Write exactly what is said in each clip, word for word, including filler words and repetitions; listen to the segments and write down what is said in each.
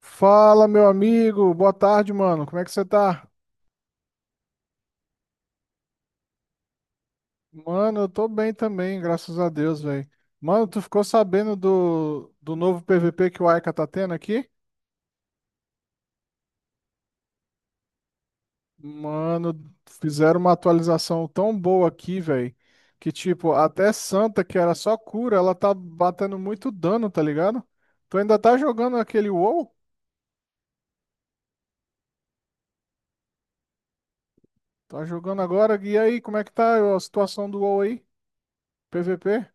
Fala, meu amigo. Boa tarde, mano. Como é que você tá? Mano, eu tô bem também, graças a Deus, velho. Mano, tu ficou sabendo do, do novo P V P que o Aika tá tendo aqui? Mano, fizeram uma atualização tão boa aqui, velho, que tipo, até Santa, que era só cura, ela tá batendo muito dano, tá ligado? Tu ainda tá jogando aquele WoW? Tá jogando agora? E aí, como é que tá a situação do WoW aí? P V P?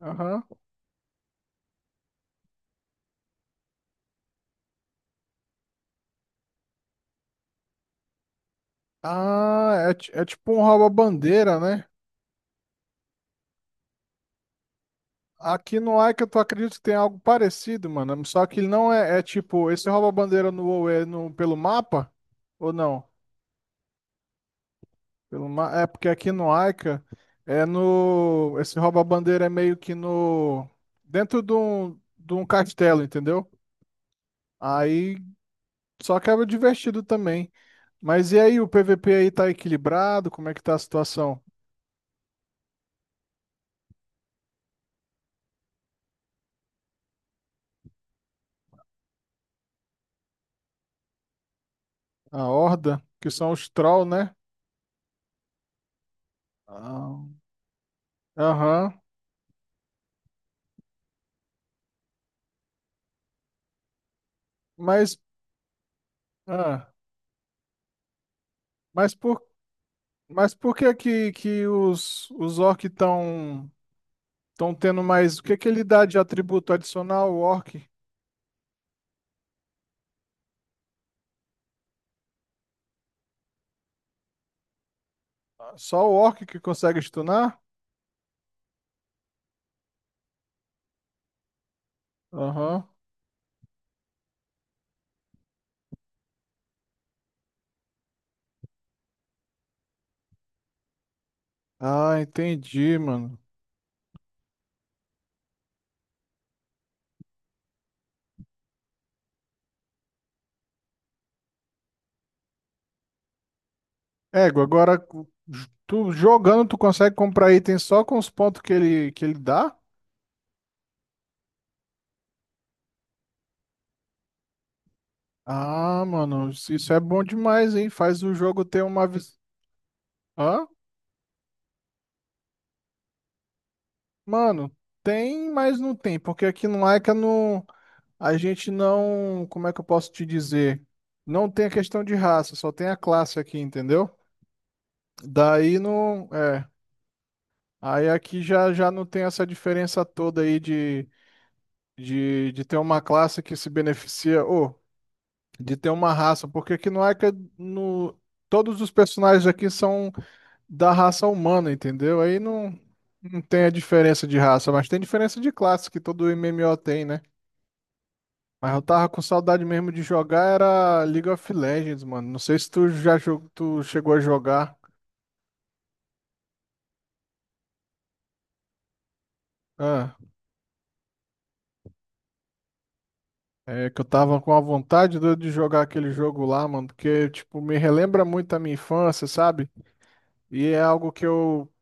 Aham. Ah, é, ti- é tipo um rouba-bandeira, né? Aqui no Ica, tu acredita que tem algo parecido, mano? Só que ele não é, é tipo, esse rouba-bandeira no WoW é no, pelo mapa? Ou não? Pelo ma é porque aqui no Ica é no. Esse rouba-bandeira é meio que no. dentro de um, de um castelo, entendeu? Aí só que é divertido também. Mas e aí, o P V P aí tá equilibrado? Como é que tá a situação? A Horda, que são os troll, né? Ah, aham. Mas. ah, Mas por Mas por que que, que os, os orcs estão estão tendo mais? O que que ele dá de atributo adicional ao orc? Só o orc que consegue stunar? Aham. Ah, entendi, mano. Ego, agora j- tu jogando, tu consegue comprar item só com os pontos que ele, que ele dá? Ah, mano, isso isso é bom demais, hein? Faz o jogo ter uma. vis- Hã? Mano, tem, mas não tem, porque aqui no Laika não. A gente não, como é que eu posso te dizer? Não tem a questão de raça, só tem a classe aqui, entendeu? Daí não, é, aí aqui já já não tem essa diferença toda aí de, de, de ter uma classe que se beneficia ou de ter uma raça, porque aqui no Ica no todos os personagens aqui são da raça humana, entendeu? Aí não não tem a diferença de raça, mas tem diferença de classe que todo M M O tem, né? Mas eu tava com saudade mesmo de jogar, era League of Legends, mano. Não sei se tu já jogou, tu chegou a jogar. Ah, é que eu tava com a vontade doida de jogar aquele jogo lá, mano, porque, tipo, me relembra muito a minha infância, sabe? E é algo que eu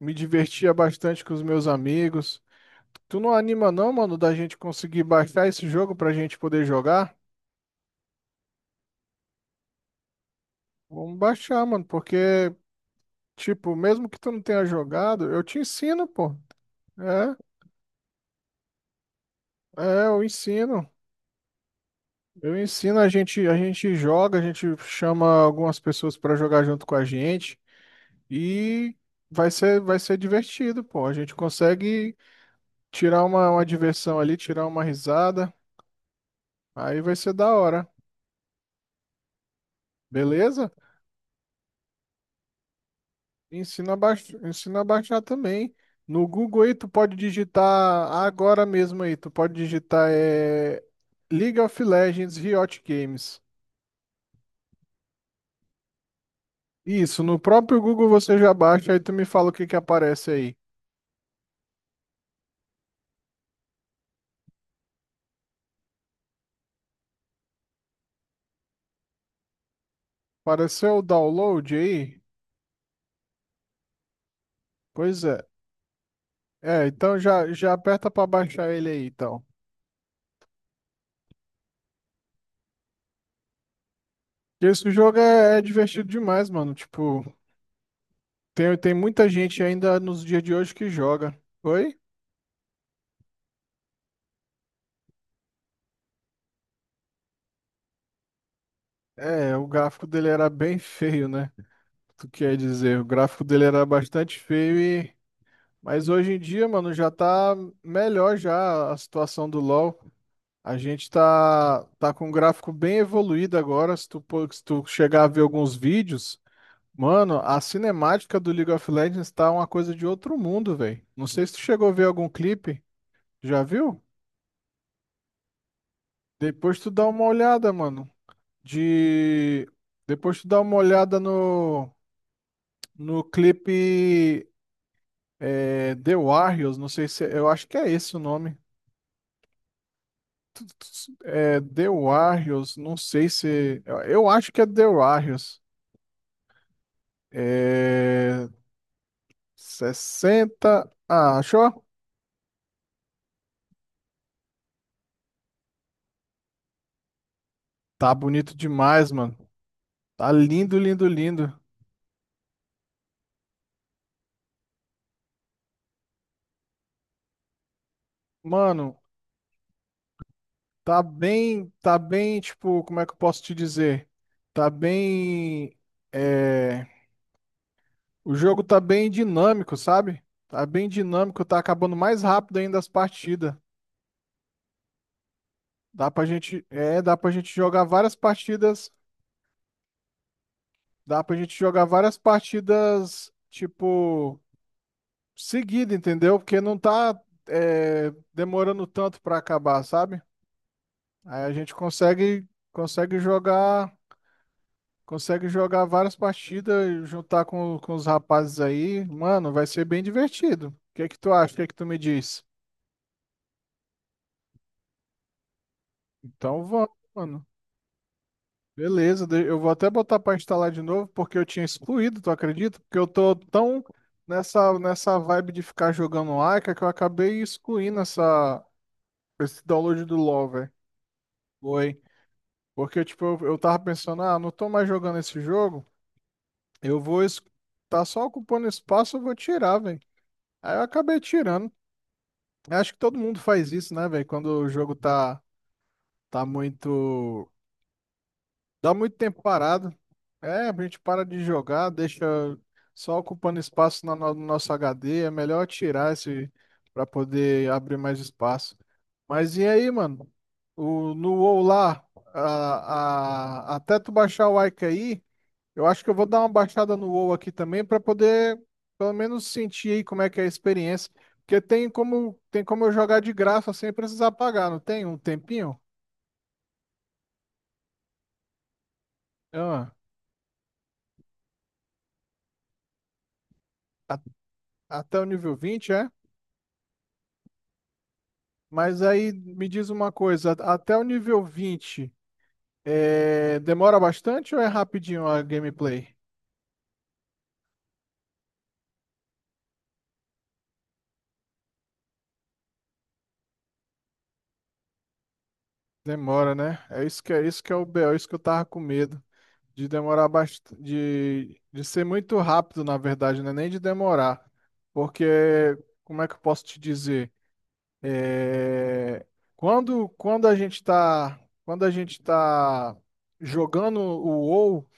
me divertia bastante com os meus amigos. Tu não anima não, mano, da gente conseguir baixar esse jogo pra gente poder jogar? Vamos baixar, mano, porque, tipo, mesmo que tu não tenha jogado, eu te ensino, pô. É, é, eu ensino. Eu ensino, a gente, a gente joga, a gente chama algumas pessoas para jogar junto com a gente e vai ser, vai ser divertido, pô. A gente consegue tirar uma, uma diversão ali, tirar uma risada, aí vai ser da hora, beleza? Ensina a baixar, ensina a baixar também. No Google aí tu pode digitar agora mesmo aí, tu pode digitar é, League of Legends Riot Games. Isso, no próprio Google você já baixa, aí tu me fala o que que aparece aí. Apareceu o download aí? Pois é. É, então já, já aperta pra baixar ele aí, então. Esse jogo é, é divertido demais, mano. Tipo, tem, tem muita gente ainda nos dias de hoje que joga. Oi? É, o gráfico dele era bem feio, né? Tu quer dizer, o gráfico dele era bastante feio e... Mas hoje em dia, mano, já tá melhor já a situação do LoL. A gente tá, tá com um gráfico bem evoluído agora. Se tu, pô- se tu chegar a ver alguns vídeos... Mano, a cinemática do League of Legends tá uma coisa de outro mundo, velho. Não sei se tu chegou a ver algum clipe, já viu? Depois tu dá uma olhada, mano. De. Depois tu dá uma olhada no, no clipe é, The Warriors, não sei se. Eu acho que é esse o nome. É The Warriors, não sei se. Eu eu acho que é The Warriors. É. sessenta. Ah, achou? Tá bonito demais, mano. Tá lindo, lindo, lindo. Mano, tá bem, tá bem, tipo, como é que eu posso te dizer? Tá bem, é, o jogo tá bem dinâmico, sabe? Tá bem dinâmico, tá acabando mais rápido ainda as partidas. Dá pra gente, é, dá pra gente jogar várias partidas, dá pra gente jogar várias partidas, tipo, seguida, entendeu? Porque não tá, é, demorando tanto pra acabar, sabe? Aí a gente consegue, consegue jogar Consegue Jogar várias partidas, juntar com, com os rapazes aí. Mano, vai ser bem divertido. O que é que tu acha? O que é que tu me diz? Então vamos, mano. Beleza, de- eu vou até botar pra instalar de novo, porque eu tinha excluído, tu acredita? Porque eu tô tão nessa, nessa vibe de ficar jogando Aika que eu acabei excluindo essa, esse download do LoL, velho. Foi. Porque, tipo, eu, eu tava pensando, ah, não tô mais jogando esse jogo, eu vou. es- Tá só ocupando espaço, eu vou tirar, velho. Aí eu acabei tirando. Eu acho que todo mundo faz isso, né, velho? Quando o jogo tá, tá muito. Dá muito tempo parado. É, a gente para de jogar, deixa só ocupando espaço na no no nosso H D. É melhor tirar esse pra poder abrir mais espaço. Mas e aí, mano? O, no WoW lá, a, a- até tu baixar o Ica aí. Eu acho que eu vou dar uma baixada no WoW aqui também para poder pelo menos sentir aí como é que é a experiência, porque tem como tem como eu jogar de graça sem precisar pagar, não tem um tempinho? Ah, a- até o nível vinte é? Mas aí me diz uma coisa, até o nível vinte é, demora bastante ou é rapidinho a gameplay? Demora, né? É isso que é isso que é o B O, isso que eu tava com medo. De demorar bastante, de, de ser muito rápido, na verdade, né? Nem de demorar. Porque, como é que eu posso te dizer? É, quando, quando a gente tá, quando a gente tá jogando o WoW,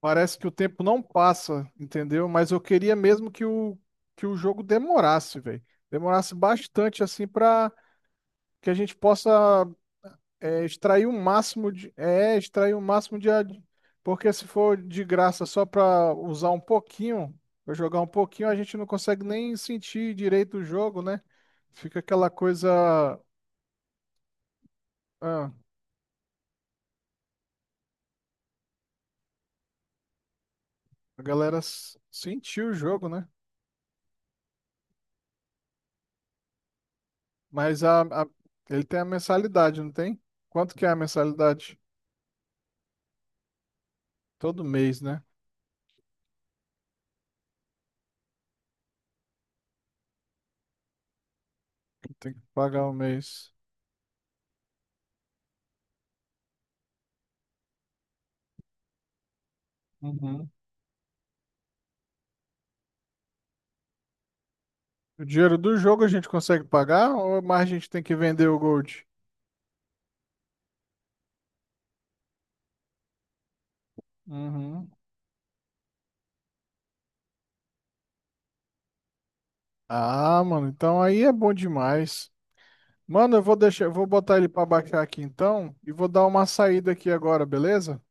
parece que o tempo não passa, entendeu? Mas eu queria mesmo que o, que o jogo demorasse, velho. Demorasse bastante, assim, pra que a gente possa é, extrair o máximo de. É, extrair o máximo de. ad- Porque se for de graça só para usar um pouquinho, pra jogar um pouquinho, a gente não consegue nem sentir direito o jogo, né? Fica aquela coisa. Ah, a galera s- sentiu o jogo, né? Mas a, a- ele tem a mensalidade, não tem? Quanto que é a mensalidade? Todo mês, né? Tem que pagar o mês. Uhum. O dinheiro do jogo a gente consegue pagar ou mais a gente tem que vender o Gold? Uhum. Ah, mano, então aí é bom demais. Mano, eu vou deixar, eu vou botar ele pra baixar aqui então e vou dar uma saída aqui agora, beleza?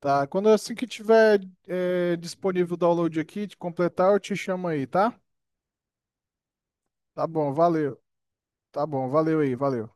Tá, quando assim que tiver é, disponível o download aqui, de completar, eu te chamo aí, tá? Tá bom, valeu. Tá bom, valeu aí, valeu.